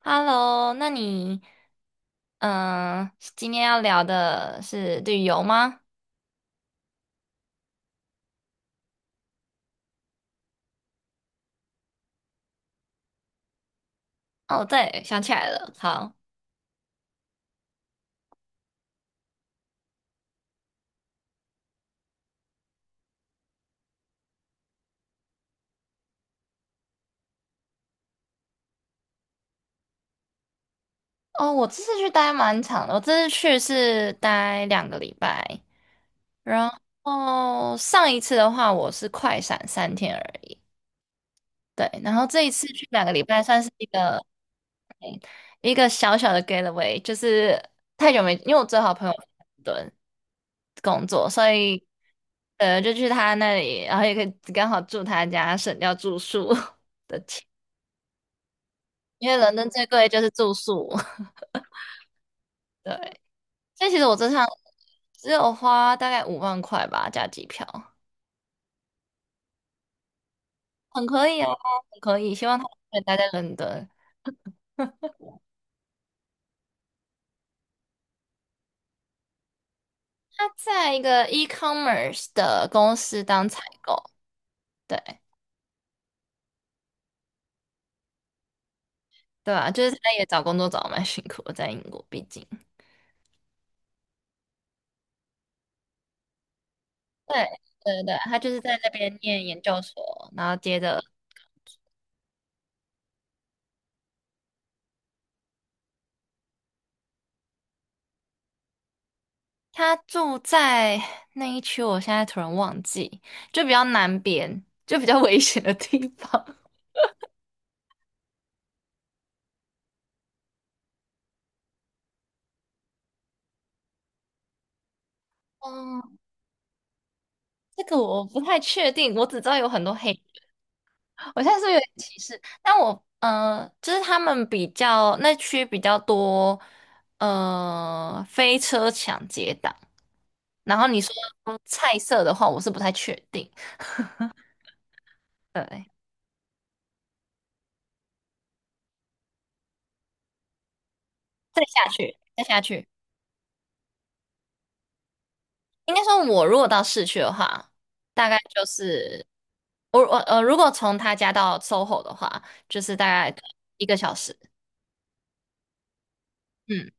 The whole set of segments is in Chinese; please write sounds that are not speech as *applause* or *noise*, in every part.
Hello，那你嗯，今天要聊的是旅游吗？哦，对，想起来了，好。哦，我这次去待蛮长的，我这次去是待两个礼拜，然后上一次的话我是快闪3天而已，对，然后这一次去两个礼拜算是一个小小的 getaway，就是太久没，因为我最好朋友在伦敦工作，所以就去他那里，然后也可以刚好住他家，省掉住宿 *laughs* 的钱，因为伦敦最贵就是住宿。*laughs* 对，所以其实我这趟只有花大概5万块吧，加机票，很可以啊，很可以。希望他可以待在伦敦，他在一个 e-commerce 的公司当采购。对。对啊，就是他也找工作找的蛮辛苦的，在英国，毕竟。对对对对，他就是在那边念研究所，然后接着他住在那一区，我现在突然忘记，就比较南边，就比较危险的地方。*laughs* 嗯，这个我不太确定，我只知道有很多黑人。我现在是不是有点歧视，但我就是他们比较那区比较多，飞车抢劫党。然后你说菜色的话，我是不太确定。对，再下去，再下去，应该说，我如果到市区的话，大概就是我我呃，如果从他家到 SOHO 的话，就是大概1个小时，嗯，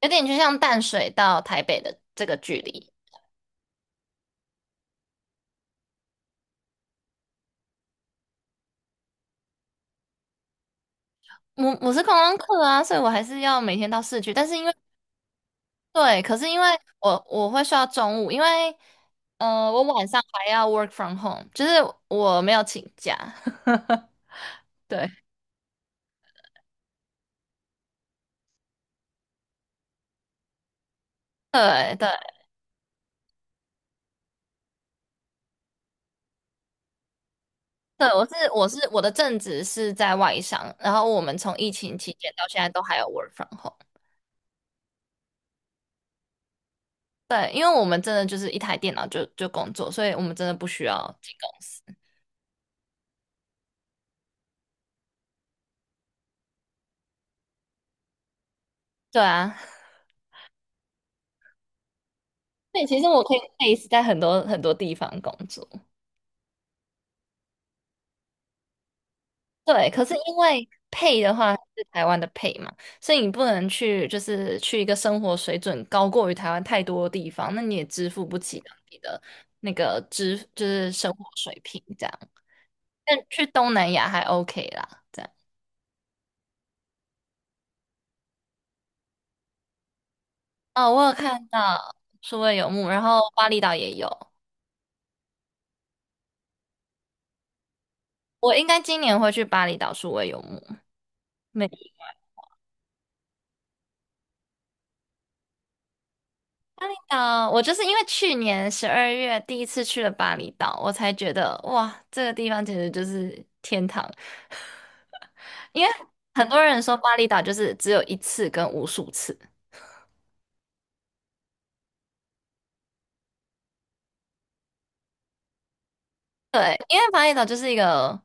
有点就像淡水到台北的这个距离。我是观光客啊，所以我还是要每天到市区，但是因为对，可是因为我会睡到中午，因为我晚上还要 work from home，就是我没有请假，*laughs* 对。对对，对，我是我的正职是在外商，然后我们从疫情期间到现在都还有 work from home。对，因为我们真的就是一台电脑就工作，所以我们真的不需要进公司。对啊，对，其实我可以 base 在很多很多地方工作。对，可是因为 pay 的话是台湾的 pay 嘛，所以你不能去就是去一个生活水准高过于台湾太多的地方，那你也支付不起当地的那个支就是生活水平这样。但去东南亚还 OK 啦，这样。哦，我有看到数位游牧，然后巴厘岛也有。我应该今年会去巴厘岛数位游牧。没想到我就是因为去年十二月第一次去了巴厘岛，我才觉得哇，这个地方简直就是天堂。*laughs* 因为很多人说巴厘岛就是只有一次跟无数次，对，因为巴厘岛就是一个，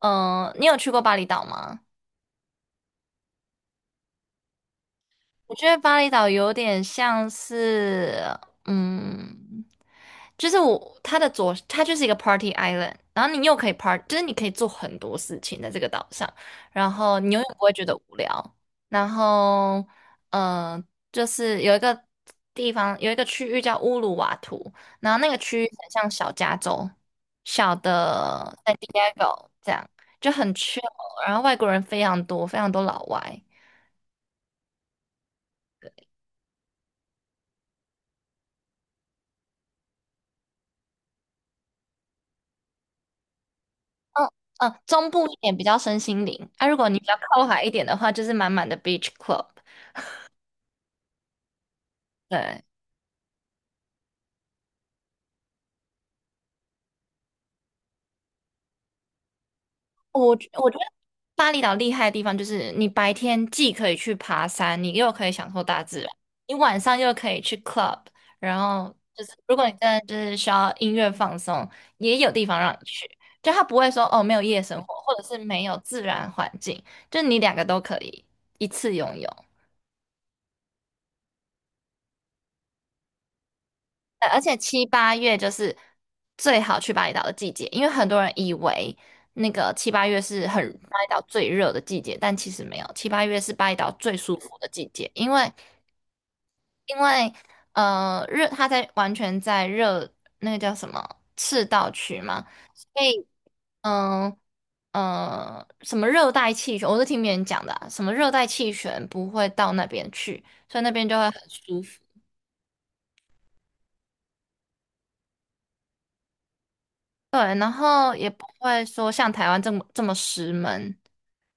你有去过巴厘岛吗？我觉得巴厘岛有点像是，嗯，就是我它的左，它就是一个 party island，然后你又可以 part，就是你可以做很多事情在这个岛上，然后你永远不会觉得无聊。然后，嗯、呃就是有一个地方，有一个区域叫乌鲁瓦图，然后那个区域很像小加州，小的在 Diego 这样，就很 chill，然后外国人非常多，非常多老外。嗯嗯，中部一点比较身心灵，啊，如果你比较靠海一点的话，就是满满的 beach club。对，我觉得巴厘岛厉害的地方就是你白天既可以去爬山，你又可以享受大自然，你晚上又可以去 club，然后就是如果你真的就是需要音乐放松，也有地方让你去，就他不会说哦没有夜生活，或者是没有自然环境，就你两个都可以一次拥有。而且七八月就是最好去巴厘岛的季节，因为很多人以为那个七八月是很巴厘岛最热的季节，但其实没有，七八月是巴厘岛最舒服的季节，因为热，它在完全在热那个叫什么赤道区嘛，所以嗯。什么热带气旋，我是听别人讲的啊什么热带气旋不会到那边去，所以那边就会很舒服。对，然后也不会说像台湾这么这么湿闷，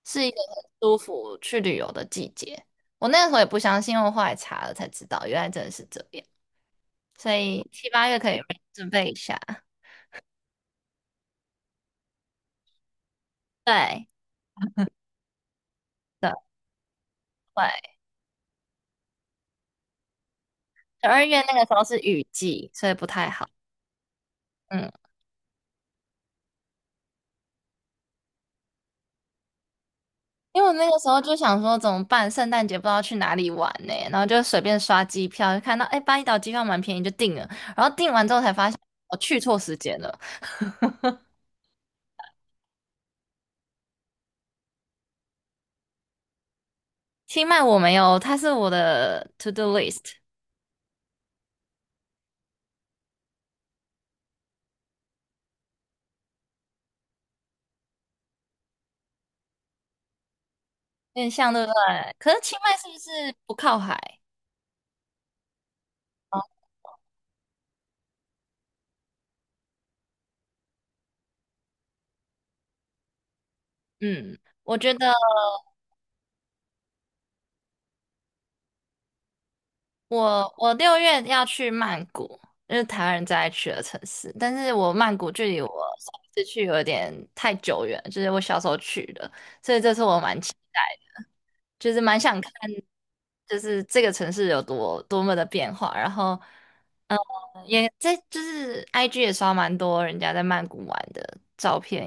是一个很舒服去旅游的季节。我那个时候也不相信，我后来查了才知道，原来真的是这样。所以七八月可以准备一下。对的，对，十二月那个时候是雨季，所以不太好。嗯，因为我那个时候就想说怎么办，圣诞节不知道去哪里玩呢、然后就随便刷机票，就看到哎巴厘岛机票蛮便宜就订了，然后订完之后才发现我去错时间了。清迈我没有，它是我的 to do list，有点像对不对？可是清迈是不是不靠海？嗯，我觉得我6月要去曼谷，就是台湾人最爱去的城市，但是我曼谷距离我上一次去有点太久远，就是我小时候去的，所以这次我蛮期待的，就是蛮想看，就是这个城市有多么的变化，然后。嗯，也在就是 IG 也刷蛮多人家在曼谷玩的照片。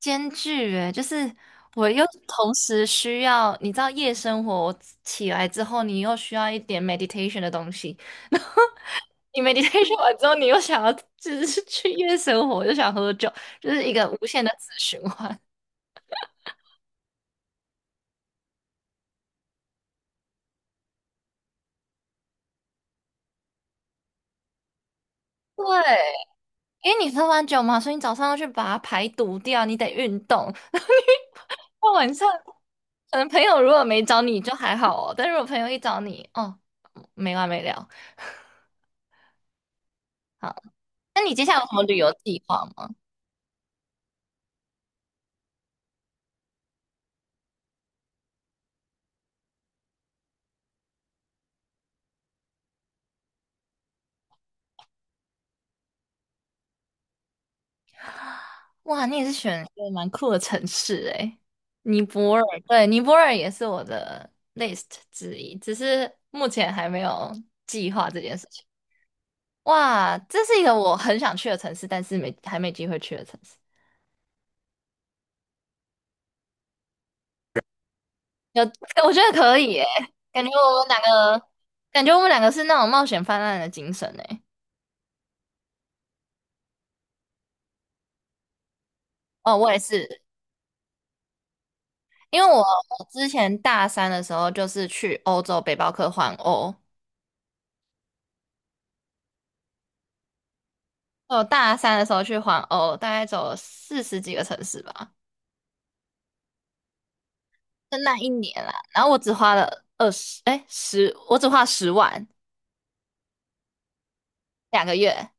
兼具诶，就是我又同时需要，你知道夜生活，起来之后，你又需要一点 meditation 的东西，*laughs* 然你 meditation 完之后，你又想要就是 *laughs* 去夜生活，又想喝酒，就是一个无限的死循环。*laughs* 对，因为你喝完酒嘛，所以你早上要去把它排毒掉，你得运动。*laughs* 到晚上，可能朋友如果没找你就还好哦，但如果朋友一找你，哦，没完没了。好，那你接下来有什么旅游计划吗？哇，你也是选一个蛮酷的城市诶，尼泊尔，对，尼泊尔也是我的 list 之一，只是目前还没有计划这件事情。哇，这是一个我很想去的城市，但是没还没机会去的城市。有，*laughs* 我觉得可以诶，感觉我们两个，感觉我们两个是那种冒险泛滥的精神诶。哦，我也是，因为我之前大三的时候就是去欧洲背包客环欧，我大三的时候去环欧，大概走了40几个城市吧，就那一年啦。然后我只花了二十，哎，十，我只花十万，2个月。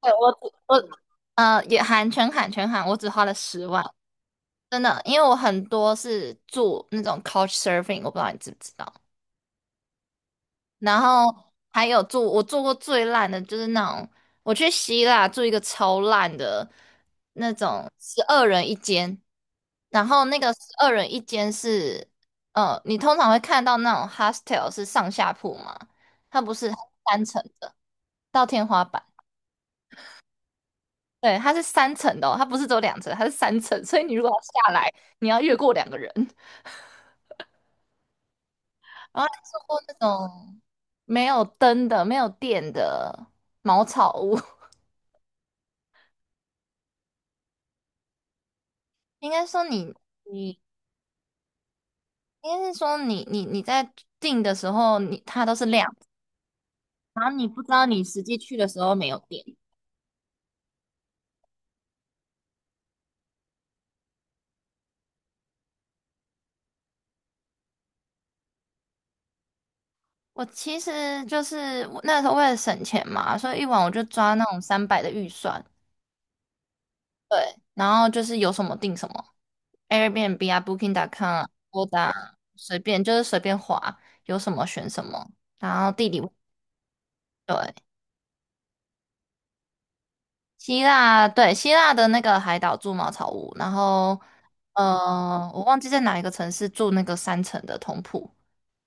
对，我只我呃也含全含全含，我只花了十万，真的，因为我很多是住那种 couch surfing，我不知道你知不知道。然后还有住，我住过最烂的就是那种，我去希腊住一个超烂的那种十二人一间，然后那个十二人一间是，你通常会看到那种 hostel 是上下铺嘛，它不是，它是三层的，到天花板。对，它是三层的哦，它不是只有2层，它是三层，所以你如果要下来，你要越过2个人。然后还住过那种没有灯的、没有电的茅草屋。应该说你 *laughs* 你应该是说你在订的时候你它都是亮的然后你不知道你实际去的时候没有电。我其实就是我那时候为了省钱嘛，所以一晚我就抓那种300的预算，对，然后就是有什么订什么，Airbnb 啊，Booking.com 啊 a 打随便就是随便划，有什么选什么，然后地理位对，希腊，对，希腊的那个海岛住茅草屋，然后，我忘记在哪一个城市住那个三层的通铺，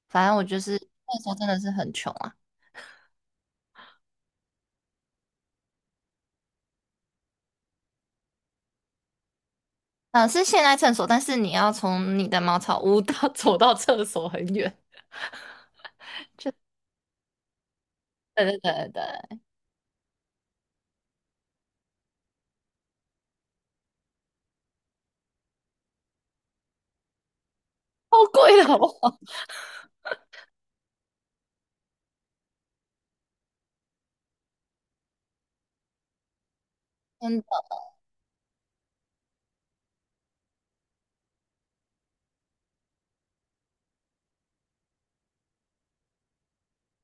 反正我就是那时候真的是很穷啊，嗯、是现代厕所，但是你要从你的茅草屋到 *laughs* 走到厕所很远，*laughs* 对对对对，好贵的好不好？*laughs*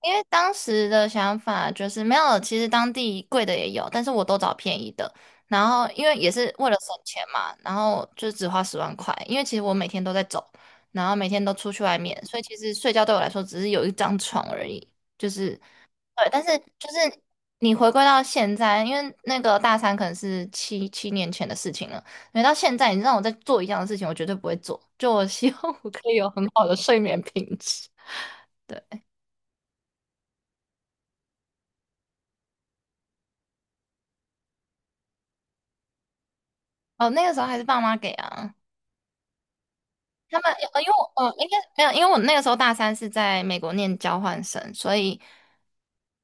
因为当时的想法就是没有，其实当地贵的也有，但是我都找便宜的。然后因为也是为了省钱嘛，然后就只花10万块。因为其实我每天都在走，然后每天都出去外面，所以其实睡觉对我来说只是有一张床而已。就是对，但是就是你回归到现在，因为那个大三可能是七年前的事情了，回到现在你让我再做一样的事情，我绝对不会做。就我希望我可以有很好的睡眠品质。*laughs* 对。哦，那个时候还是爸妈给啊。他们因为我应该没有，因为我那个时候大三是在美国念交换生，所以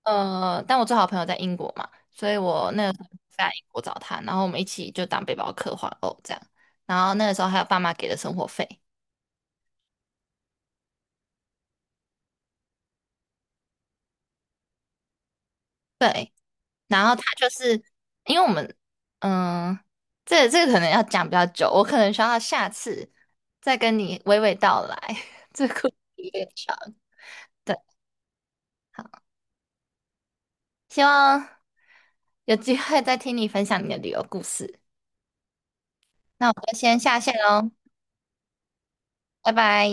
但我最好的朋友在英国嘛，所以我那个时候在英国找他，然后我们一起就当背包客环欧这样。然后那个时候还有爸妈给的生活费，对。然后他就是因为我们，嗯、这个可能要讲比较久，我可能需要下次再跟你娓娓道来，*laughs* 这个故事有点长。对。希望有机会再听你分享你的旅游故事。那我就先下线喽，拜拜。